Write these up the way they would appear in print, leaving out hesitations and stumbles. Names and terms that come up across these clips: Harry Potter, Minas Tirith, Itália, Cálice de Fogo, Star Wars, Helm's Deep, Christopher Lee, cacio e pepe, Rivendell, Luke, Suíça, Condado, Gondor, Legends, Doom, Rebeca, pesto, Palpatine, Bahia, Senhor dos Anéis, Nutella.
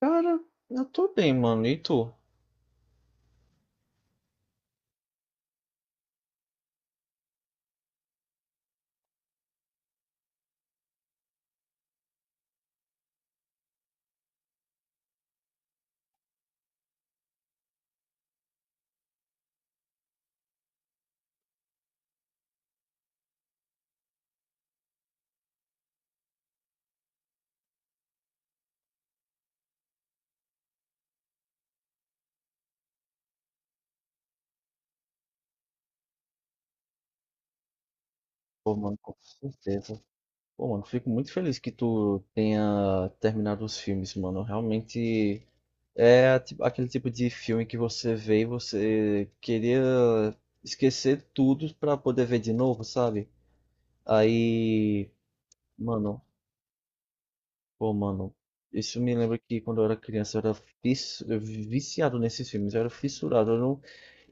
Cara, eu tô bem, mano. E tu? Pô, mano, com certeza. Pô, mano, fico muito feliz que tu tenha terminado os filmes, mano. Realmente é aquele tipo de filme que você vê e você queria esquecer tudo pra poder ver de novo, sabe? Aí, mano. Pô, mano, isso me lembra que quando eu era criança eu era viciado nesses filmes, eu era fissurado. Eu não...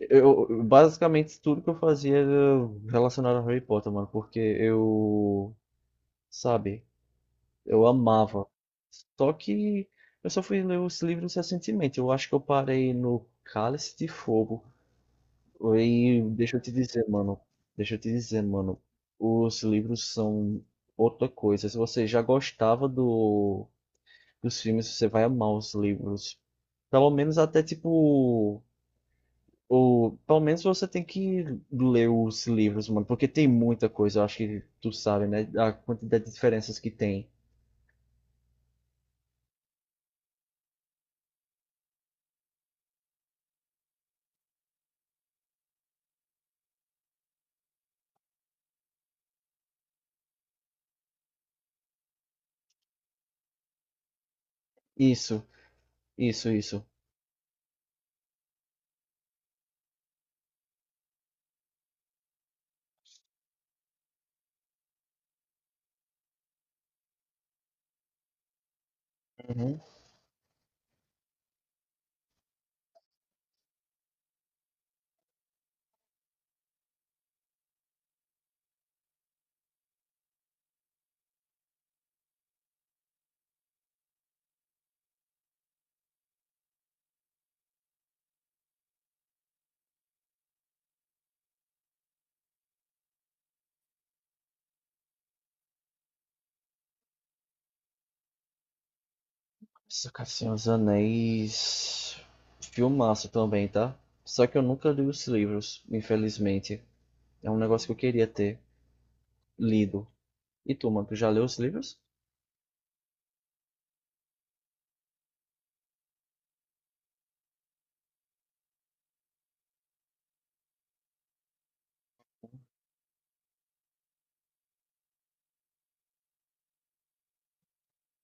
basicamente tudo que eu fazia era relacionado a Harry Potter, mano, porque eu, sabe, eu amava. Só que eu só fui ler os livros recentemente. Eu acho que eu parei no Cálice de Fogo. E deixa eu te dizer, mano, deixa eu te dizer, mano, os livros são outra coisa. Se você já gostava do os filmes, você vai amar os livros. Pelo menos até tipo. O, pelo menos você tem que ler os livros, mano, porque tem muita coisa, eu acho que tu sabe, né? A quantidade de diferenças que tem. Isso, isso, isso. Uhum. Isso, cara. Senhor dos Anéis. Filmaço também, tá? Só que eu nunca li os livros, infelizmente. É um negócio que eu queria ter lido. E tu, mano, tu já leu os livros?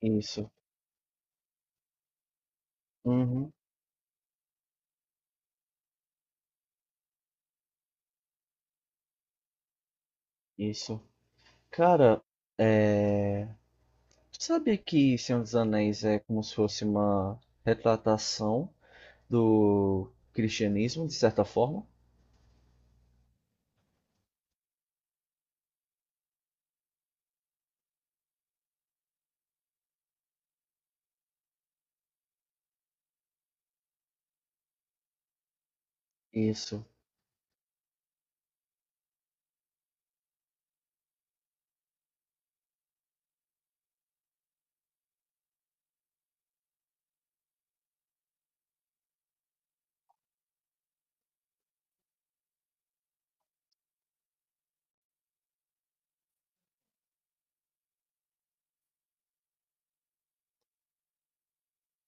Isso. Uhum. Isso. Cara, é. Tu sabia que Senhor dos Anéis é como se fosse uma retratação do cristianismo, de certa forma? Isso,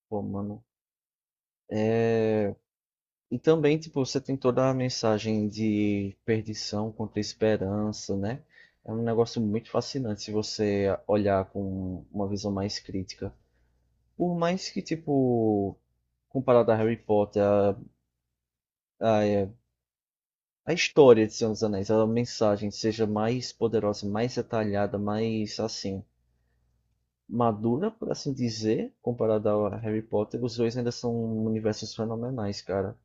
pô, mano. E também, tipo, você tem toda a mensagem de perdição contra a esperança, né? É um negócio muito fascinante se você olhar com uma visão mais crítica. Por mais que, tipo, comparado a Harry Potter, a, a história de Senhor dos Anéis, a mensagem seja mais poderosa, mais detalhada, mais assim madura, por assim dizer, comparada ao Harry Potter, os dois ainda são universos fenomenais, cara.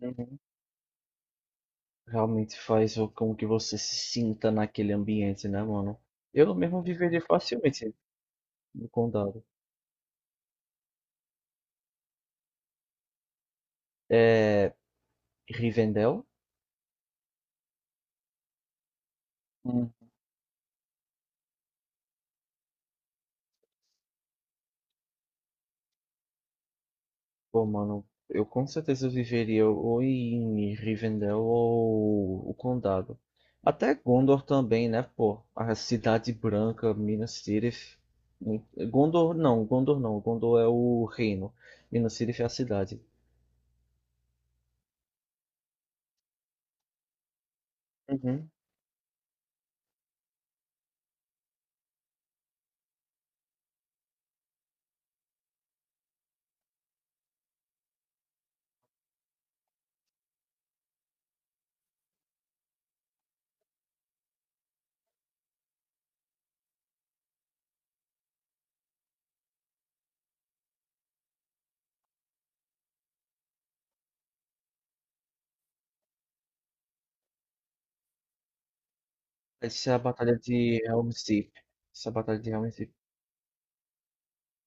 Uhum. Realmente com que você se sinta naquele ambiente, né, mano? Eu mesmo viveria facilmente no condado. É, Rivendell. Pô, mano, eu com certeza viveria ou em Rivendell ou o Condado. Até Gondor também, né, pô? A Cidade Branca, Minas Tirith. Mu- Gondor não, Gondor não. Gondor é o reino. Minas Tirith é a cidade. Uhum. Essa é a Batalha de Helm's Deep. Essa é a Batalha de Helm's Deep.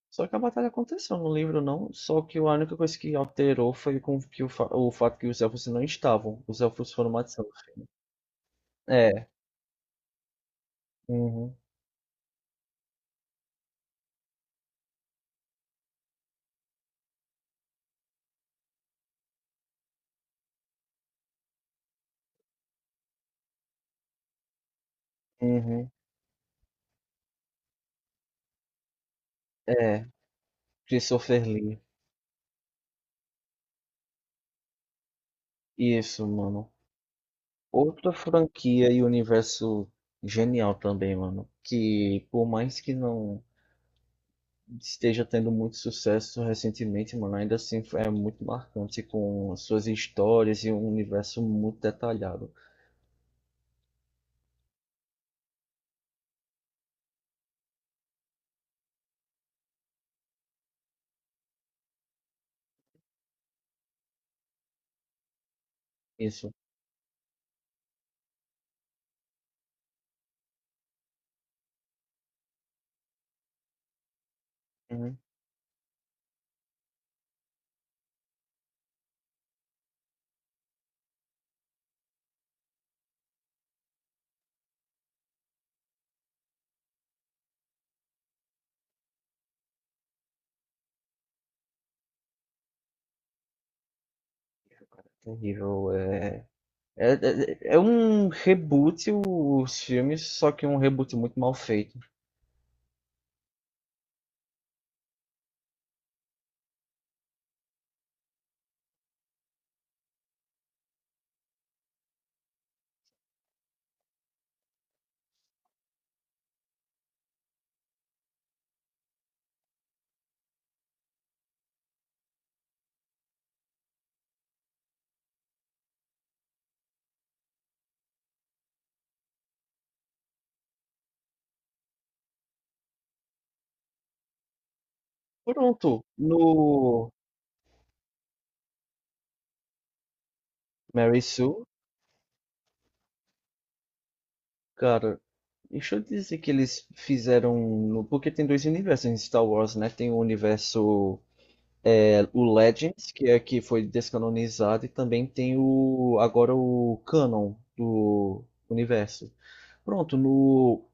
Só que a batalha aconteceu no livro, não. Só que a única coisa que alterou foi com que o fato que os elfos não estavam. Os elfos foram matados. É. Uhum. Uhum. É. Christopher Lee. Isso, mano. Outra franquia e universo genial também, mano. Que por mais que não esteja tendo muito sucesso recentemente, mano, ainda assim é muito marcante com suas histórias e um universo muito detalhado. Isso. Uhum. Terrível. É... É, é, é um reboot os filmes, só que um reboot muito mal feito. Pronto. No Mary Sue. Cara, deixa eu dizer que eles fizeram. Porque tem dois universos em Star Wars, né? Tem o universo. É, o Legends, que é que foi descanonizado, e também tem o. Agora o Canon do universo. Pronto, no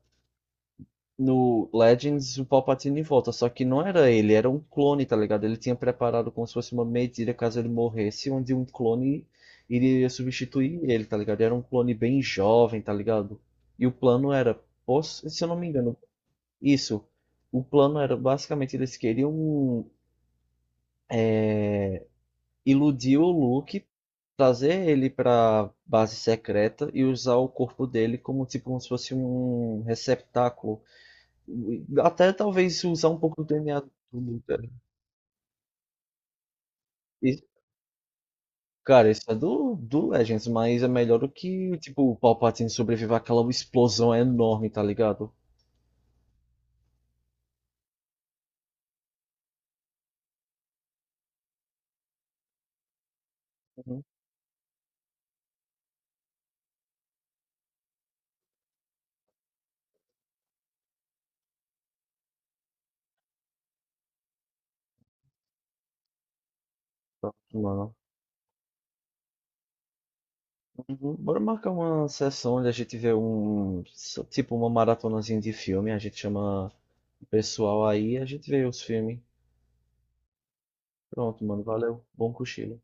no Legends, o Palpatine volta, só que não era ele, era um clone, tá ligado? Ele tinha preparado como se fosse uma medida caso ele morresse, onde um clone iria substituir ele, tá ligado? Era um clone bem jovem, tá ligado? E o plano era, se eu não me engano, isso. O plano era basicamente eles queriam iludir o Luke, trazer ele pra base secreta e usar o corpo dele como tipo como se fosse um receptáculo. Até talvez usar um pouco do DNA do Doom, cara. E, cara, isso é do Legends, mas é melhor do que, tipo, o Palpatine sobreviver àquela explosão enorme, tá ligado? Uhum. Mano. Uhum. Bora marcar uma sessão onde a gente vê um. So, tipo, uma maratonazinha de filme. A gente chama o pessoal aí e a gente vê os filmes. Pronto, mano. Valeu. Bom cochilo.